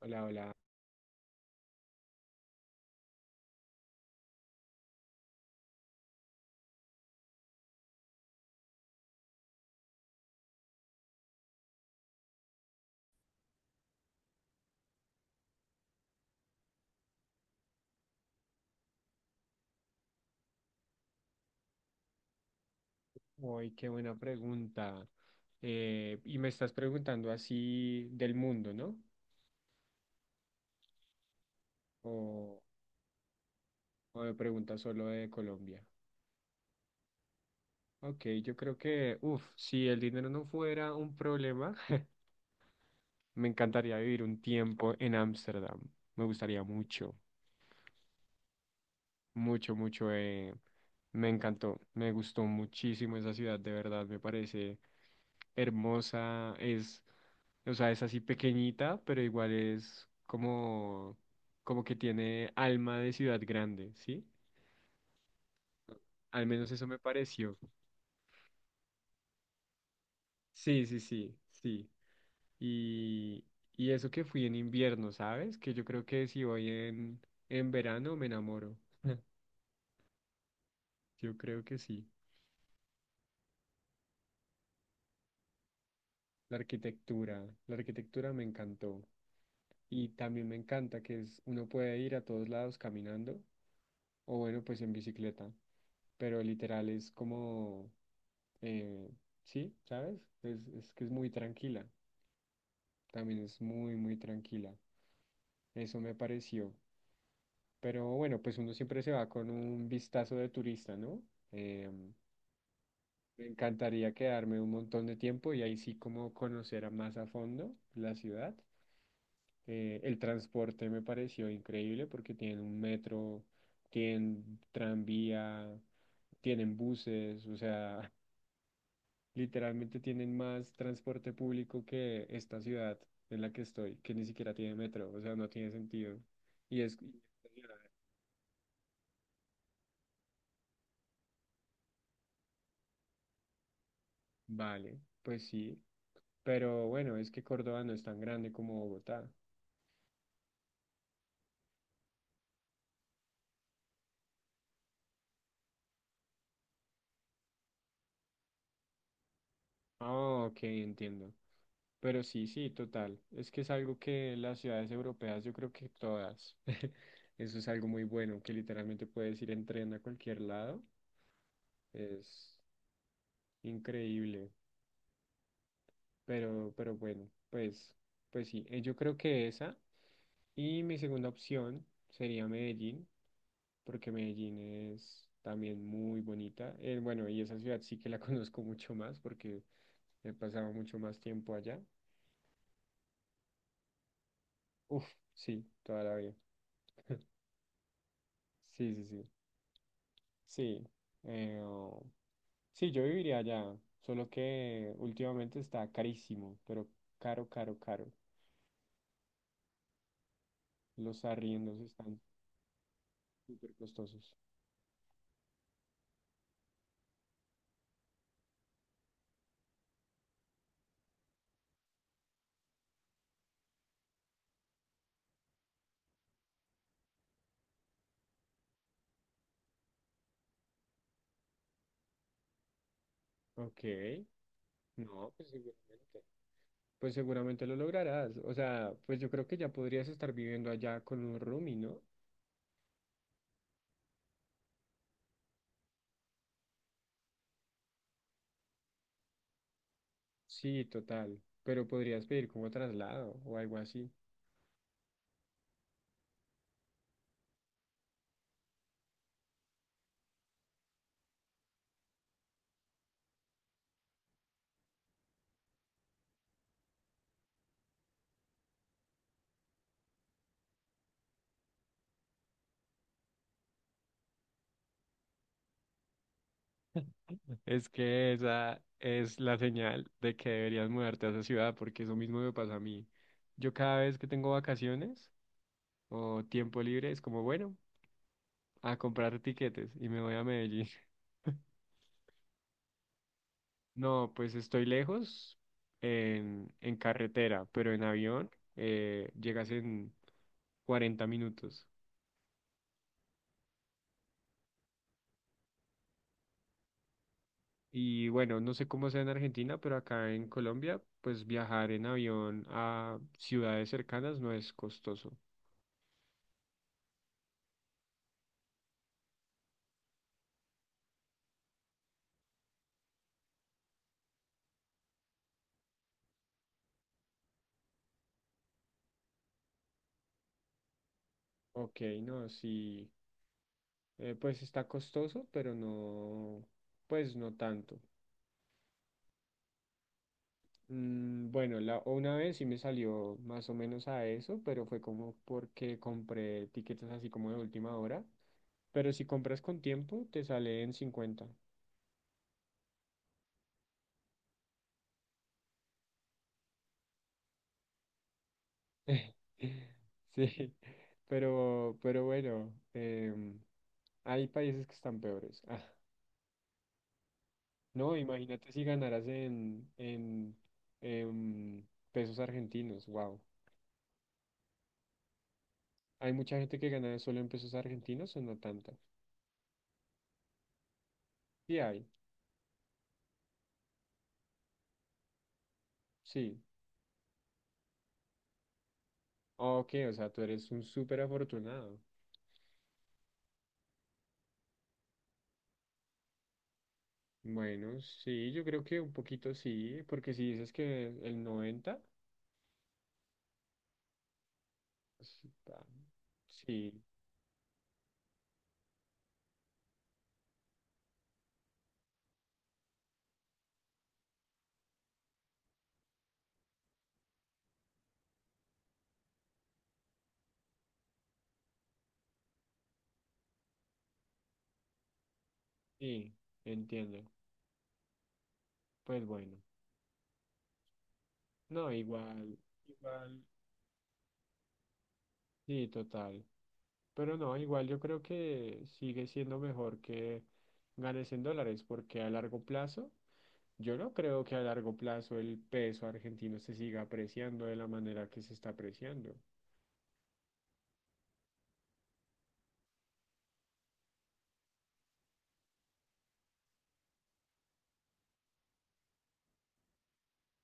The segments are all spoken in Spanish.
Hola, hola. Uy, qué buena pregunta. Y me estás preguntando así del mundo, ¿no? O, o me preguntas solo de Colombia. Ok, yo creo que, uff, si el dinero no fuera un problema, me encantaría vivir un tiempo en Ámsterdam. Me gustaría mucho, mucho, mucho. Me encantó, me gustó muchísimo esa ciudad, de verdad, me parece hermosa, o sea, es así pequeñita, pero igual es como, que tiene alma de ciudad grande, ¿sí? Al menos eso me pareció. Sí, sí, sí, sí. Y, y eso que fui en invierno, ¿sabes? Que yo creo que si voy en verano me enamoro. Yo creo que sí. La arquitectura me encantó. Y también me encanta que uno puede ir a todos lados caminando o bueno, pues en bicicleta. Pero literal es como, eh, sí, ¿sabes? Es que es muy tranquila, también es muy, muy tranquila. Eso me pareció. Pero bueno, pues uno siempre se va con un vistazo de turista, ¿no? Em, Me encantaría quedarme un montón de tiempo y ahí sí como conocer a más a fondo la ciudad. El transporte me pareció increíble porque tienen un metro, tienen tranvía, tienen buses, o sea, literalmente tienen más transporte público que esta ciudad en la que estoy, que ni siquiera tiene metro, o sea, no tiene sentido. Y es, vale, pues sí, pero bueno, es que Córdoba no es tan grande como Bogotá. Ah, ok, entiendo. Pero sí, sí, total. Es que es algo que las ciudades europeas, yo creo que todas, eso es algo muy bueno, que literalmente puedes ir en tren a cualquier lado. Es increíble. Pero bueno, pues sí, yo creo que esa. Y mi segunda opción sería Medellín, porque Medellín es también muy bonita. Bueno, y esa ciudad sí que la conozco mucho más porque he pasado mucho más tiempo allá. Uf, sí, toda la vida. Sí, sí, sí. Sí. eh, oh, sí, yo viviría allá, solo que últimamente está carísimo, pero caro, caro, caro. Los arriendos están súper costosos. Ok. No, pues seguramente. Pues seguramente lo lograrás. O sea, pues yo creo que ya podrías estar viviendo allá con un roomie, ¿no? Sí, total. Pero podrías pedir como traslado o algo así. Es que esa es la señal de que deberías mudarte a esa ciudad, porque eso mismo me pasa a mí. Yo cada vez que tengo vacaciones o tiempo libre, es como, bueno, a comprar tiquetes y me voy a Medellín. No, pues estoy lejos en, carretera, pero en avión llegas en 40 minutos. Y bueno, no sé cómo sea en Argentina, pero acá en Colombia, pues viajar en avión a ciudades cercanas no es costoso. Ok, no, sí, pues está costoso, pero no, pues no tanto. Mm, bueno, una vez sí me salió más o menos a eso, pero fue como porque compré tiquetes así como de última hora. Pero si compras con tiempo, te sale en 50. Sí, pero bueno, hay países que están peores. Ah, no, imagínate si ganaras en, em, pesos argentinos, wow. ¿Hay mucha gente que gana solo en pesos argentinos o no tanta? Sí hay, sí. Ah, ok, o sea, tú eres un súper afortunado. Bueno, sí, yo creo que un poquito sí, porque si dices que el 90, pues, ah, sí, sí, entiendo. Pues bueno. No, igual, sí, total. Pero no, igual yo creo que sigue siendo mejor que ganes en dólares, porque a largo plazo, yo no creo que a largo plazo el peso argentino se siga apreciando de la manera que se está apreciando.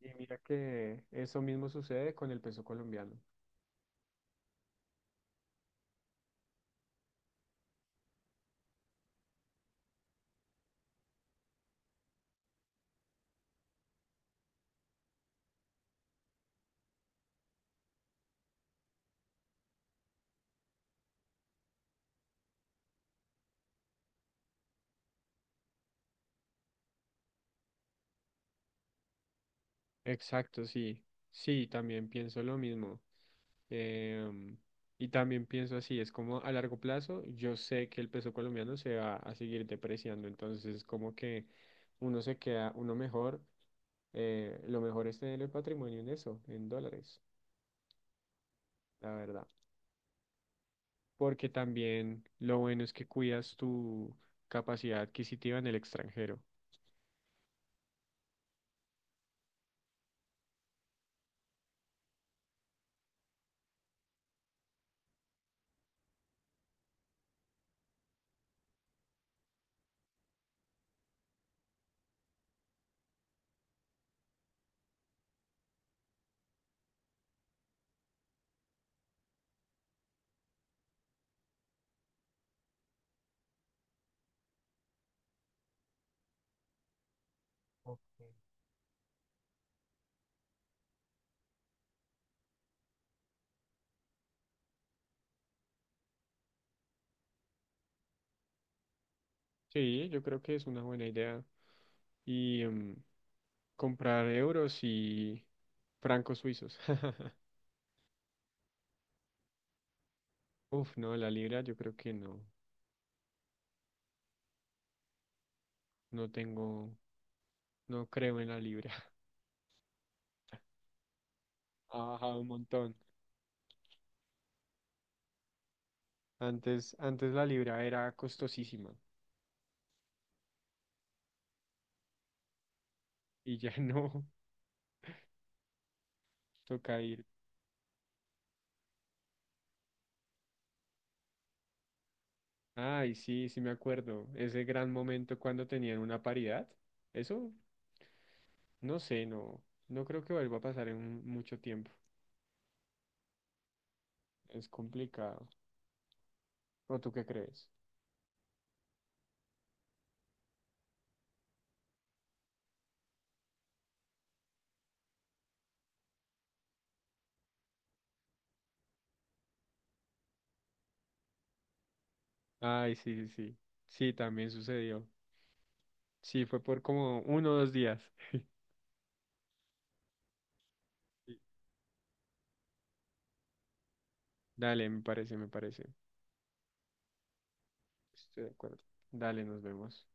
Y mira que eso mismo sucede con el peso colombiano. Exacto, sí. Sí, también pienso lo mismo. Em, y también pienso así, es como a largo plazo, yo sé que el peso colombiano se va a seguir depreciando, entonces como que uno se queda, uno mejor, lo mejor es tener el patrimonio en eso, en dólares, la verdad. Porque también lo bueno es que cuidas tu capacidad adquisitiva en el extranjero. Ok. Sí, yo creo que es una buena idea. Y comprar euros y francos suizos. Uf, no, la libra yo creo que no. No tengo, no creo en la libra. Ha bajado un montón. Antes la libra era costosísima y ya no toca ir. Ay, sí, sí me acuerdo. Ese gran momento cuando tenían una paridad. Eso, no sé, no, no creo que vuelva a pasar en un- mucho tiempo. Es complicado. ¿O tú qué crees? Ay, sí, sí, sí. Sí, también sucedió. Sí, fue por como uno o dos días. Sí. Dale, me parece, me parece. Estoy de acuerdo. Dale, nos vemos.